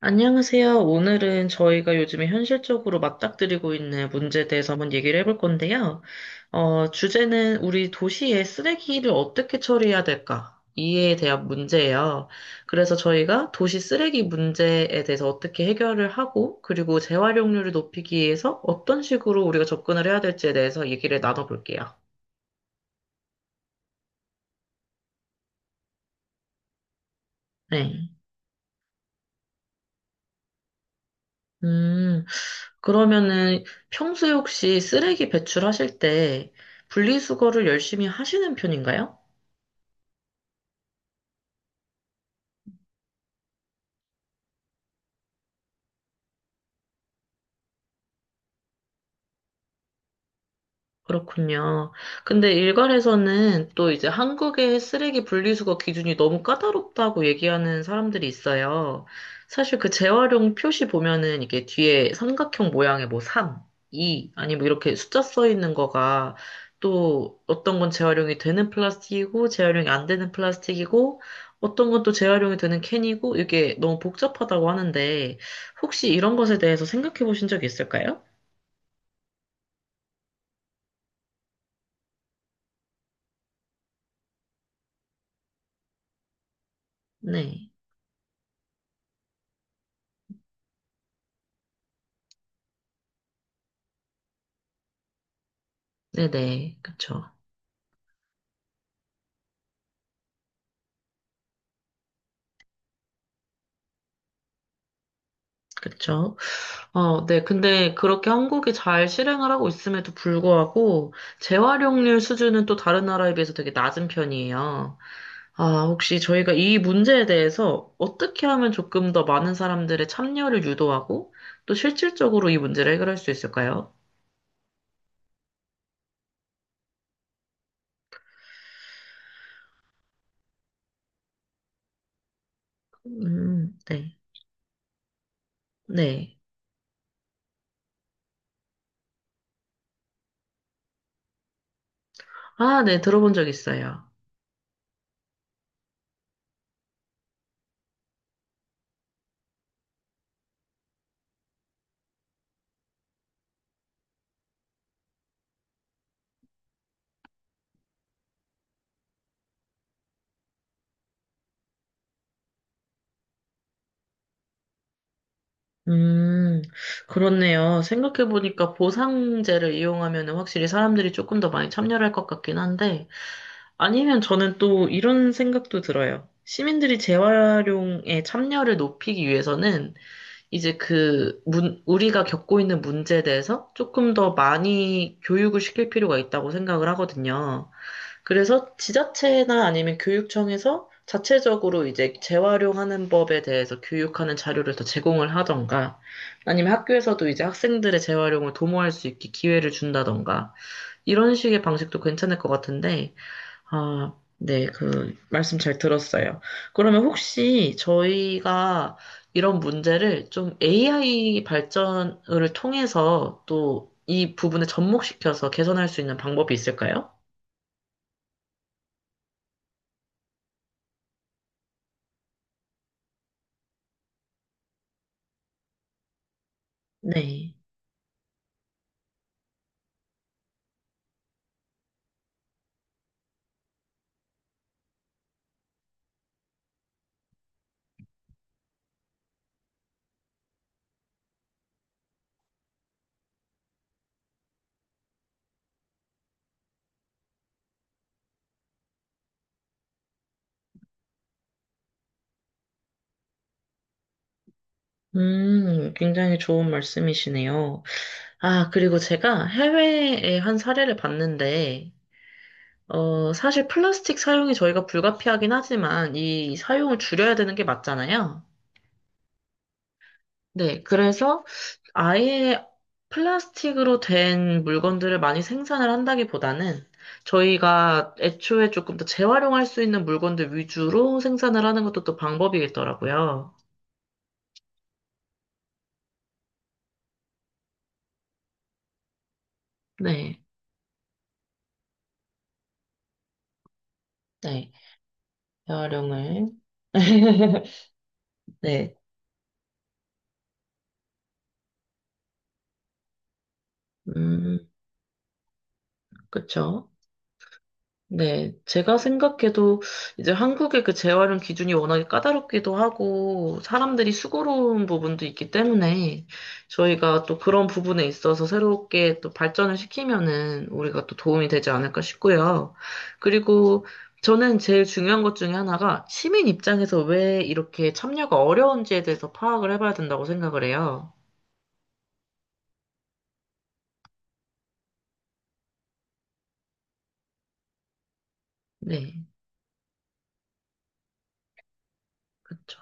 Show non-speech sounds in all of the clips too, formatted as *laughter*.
안녕하세요. 오늘은 저희가 요즘에 현실적으로 맞닥뜨리고 있는 문제에 대해서 한번 얘기를 해볼 건데요. 주제는 우리 도시의 쓰레기를 어떻게 처리해야 될까? 이에 대한 문제예요. 그래서 저희가 도시 쓰레기 문제에 대해서 어떻게 해결을 하고, 그리고 재활용률을 높이기 위해서 어떤 식으로 우리가 접근을 해야 될지에 대해서 얘기를 나눠볼게요. 네. 음, 그러면은 평소에 혹시 쓰레기 배출하실 때 분리수거를 열심히 하시는 편인가요? 그렇군요. 근데 일각에서는 또 이제 한국의 쓰레기 분리수거 기준이 너무 까다롭다고 얘기하는 사람들이 있어요. 사실 그 재활용 표시 보면은 이게 뒤에 삼각형 모양의 뭐 3, 2, 아니 뭐 이렇게 숫자 써 있는 거가 또 어떤 건 재활용이 되는 플라스틱이고 재활용이 안 되는 플라스틱이고 어떤 건 또 재활용이 되는 캔이고 이게 너무 복잡하다고 하는데 혹시 이런 것에 대해서 생각해 보신 적 있을까요? 네. 네네. 그쵸. 그쵸? 어, 네. 근데 그렇게 한국이 잘 실행을 하고 있음에도 불구하고 재활용률 수준은 또 다른 나라에 비해서 되게 낮은 편이에요. 아, 혹시 저희가 이 문제에 대해서 어떻게 하면 조금 더 많은 사람들의 참여를 유도하고 또 실질적으로 이 문제를 해결할 수 있을까요? 네. 네. 아, 네. 들어본 적 있어요. 음, 그렇네요. 생각해보니까 보상제를 이용하면 확실히 사람들이 조금 더 많이 참여할 것 같긴 한데, 아니면 저는 또 이런 생각도 들어요. 시민들이 재활용에 참여를 높이기 위해서는 이제 우리가 겪고 있는 문제에 대해서 조금 더 많이 교육을 시킬 필요가 있다고 생각을 하거든요. 그래서 지자체나 아니면 교육청에서 자체적으로 이제 재활용하는 법에 대해서 교육하는 자료를 더 제공을 하던가 아니면 학교에서도 이제 학생들의 재활용을 도모할 수 있게 기회를 준다던가 이런 식의 방식도 괜찮을 것 같은데 아, 네, 말씀 잘 들었어요. 그러면 혹시 저희가 이런 문제를 좀 AI 발전을 통해서 또 이 부분에 접목시켜서 개선할 수 있는 방법이 있을까요? 네. 굉장히 좋은 말씀이시네요. 아, 그리고 제가 해외의 한 사례를 봤는데, 사실 플라스틱 사용이 저희가 불가피하긴 하지만 이 사용을 줄여야 되는 게 맞잖아요. 네, 그래서 아예 플라스틱으로 된 물건들을 많이 생산을 한다기보다는 저희가 애초에 조금 더 재활용할 수 있는 물건들 위주로 생산을 하는 것도 또 방법이겠더라고요. 네, 네, 재활용을. *laughs* 네, 음, 그쵸. 네, 제가 생각해도 이제 한국의 그 재활용 기준이 워낙에 까다롭기도 하고 사람들이 수고로운 부분도 있기 때문에 저희가 또 그런 부분에 있어서 새롭게 또 발전을 시키면은 우리가 또 도움이 되지 않을까 싶고요. 그리고 저는 제일 중요한 것 중에 하나가 시민 입장에서 왜 이렇게 참여가 어려운지에 대해서 파악을 해봐야 된다고 생각을 해요. 네, 그렇죠.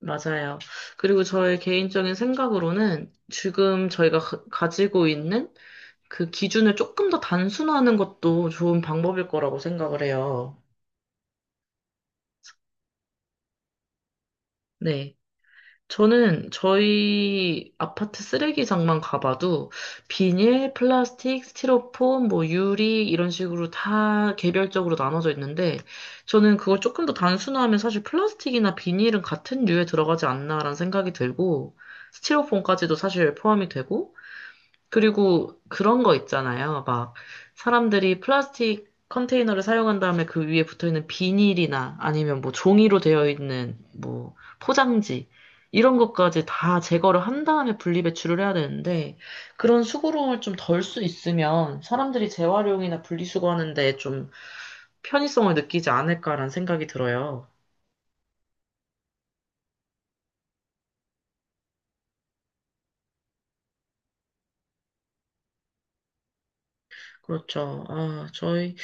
맞아요. 그리고 저의 개인적인 생각으로는 지금 저희가 가지고 있는 그 기준을 조금 더 단순화하는 것도 좋은 방법일 거라고 생각을 해요. 네. 저는 저희 아파트 쓰레기장만 가봐도 비닐, 플라스틱, 스티로폼, 뭐 유리 이런 식으로 다 개별적으로 나눠져 있는데 저는 그걸 조금 더 단순화하면 사실 플라스틱이나 비닐은 같은 류에 들어가지 않나라는 생각이 들고 스티로폼까지도 사실 포함이 되고 그리고 그런 거 있잖아요. 막 사람들이 플라스틱 컨테이너를 사용한 다음에 그 위에 붙어 있는 비닐이나 아니면 뭐 종이로 되어 있는 뭐 포장지 이런 것까지 다 제거를 한 다음에 분리배출을 해야 되는데 그런 수고로움을 좀 덜 수 있으면 사람들이 재활용이나 분리수거하는데 좀 편의성을 느끼지 않을까라는 생각이 들어요. 그렇죠. 아, 저희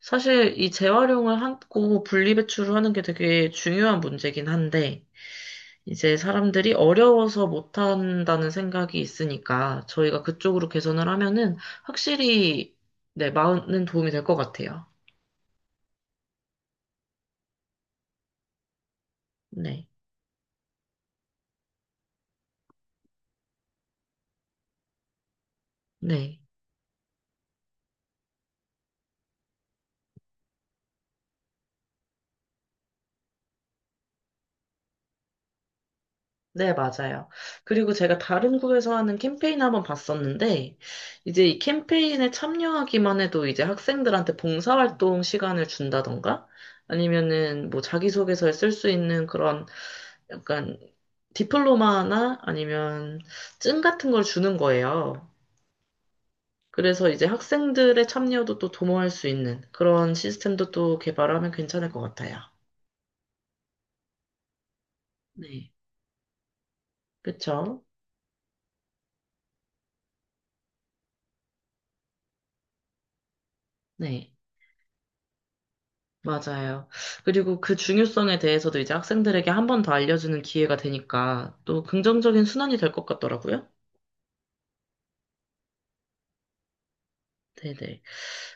사실 이 재활용을 하고 분리배출을 하는 게 되게 중요한 문제긴 한데 이제 사람들이 어려워서 못한다는 생각이 있으니까 저희가 그쪽으로 개선을 하면은 확실히 네, 많은 도움이 될 것 같아요. 네. 네. 네, 맞아요. 그리고 제가 다른 구에서 하는 캠페인 한번 봤었는데, 이제 이 캠페인에 참여하기만 해도 이제 학생들한테 봉사활동 시간을 준다던가, 아니면은 뭐 자기소개서에 쓸 수 있는 그런 약간 디플로마나 아니면 증 같은 걸 주는 거예요. 그래서 이제 학생들의 참여도 또 도모할 수 있는 그런 시스템도 또 개발하면 괜찮을 것 같아요. 네. 그쵸? 네. 맞아요. 그리고 그 중요성에 대해서도 이제 학생들에게 한 번 더 알려주는 기회가 되니까 또 긍정적인 순환이 될 것 같더라고요. 네네.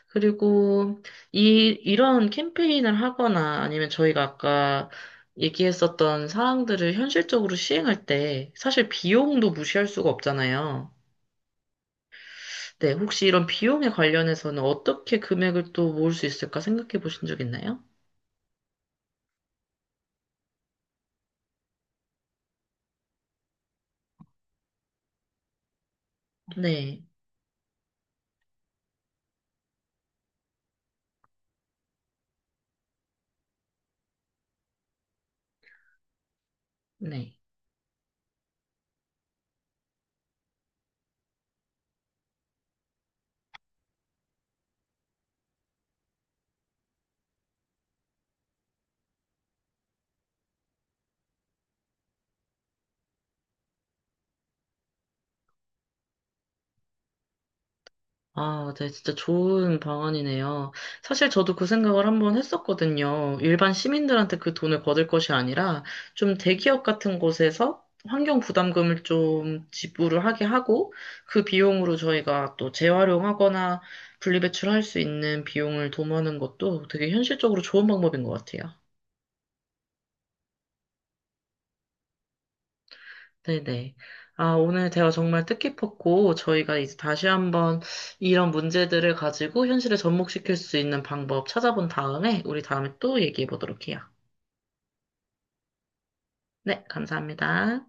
그리고 이런 캠페인을 하거나 아니면 저희가 아까 얘기했었던 사항들을 현실적으로 시행할 때 사실 비용도 무시할 수가 없잖아요. 네, 혹시 이런 비용에 관련해서는 어떻게 금액을 또 모을 수 있을까 생각해 보신 적 있나요? 네, 네. 아, 네, 진짜 좋은 방안이네요. 사실 저도 그 생각을 한번 했었거든요. 일반 시민들한테 그 돈을 거둘 것이 아니라 좀 대기업 같은 곳에서 환경 부담금을 좀 지불을 하게 하고 그 비용으로 저희가 또 재활용하거나 분리배출할 수 있는 비용을 도모하는 것도 되게 현실적으로 좋은 방법인 것 같아요. 네네. 아, 오늘 대화 정말 뜻깊었고, 저희가 이제 다시 한번 이런 문제들을 가지고 현실에 접목시킬 수 있는 방법 찾아본 다음에, 우리 다음에 또 얘기해 보도록 해요. 네, 감사합니다.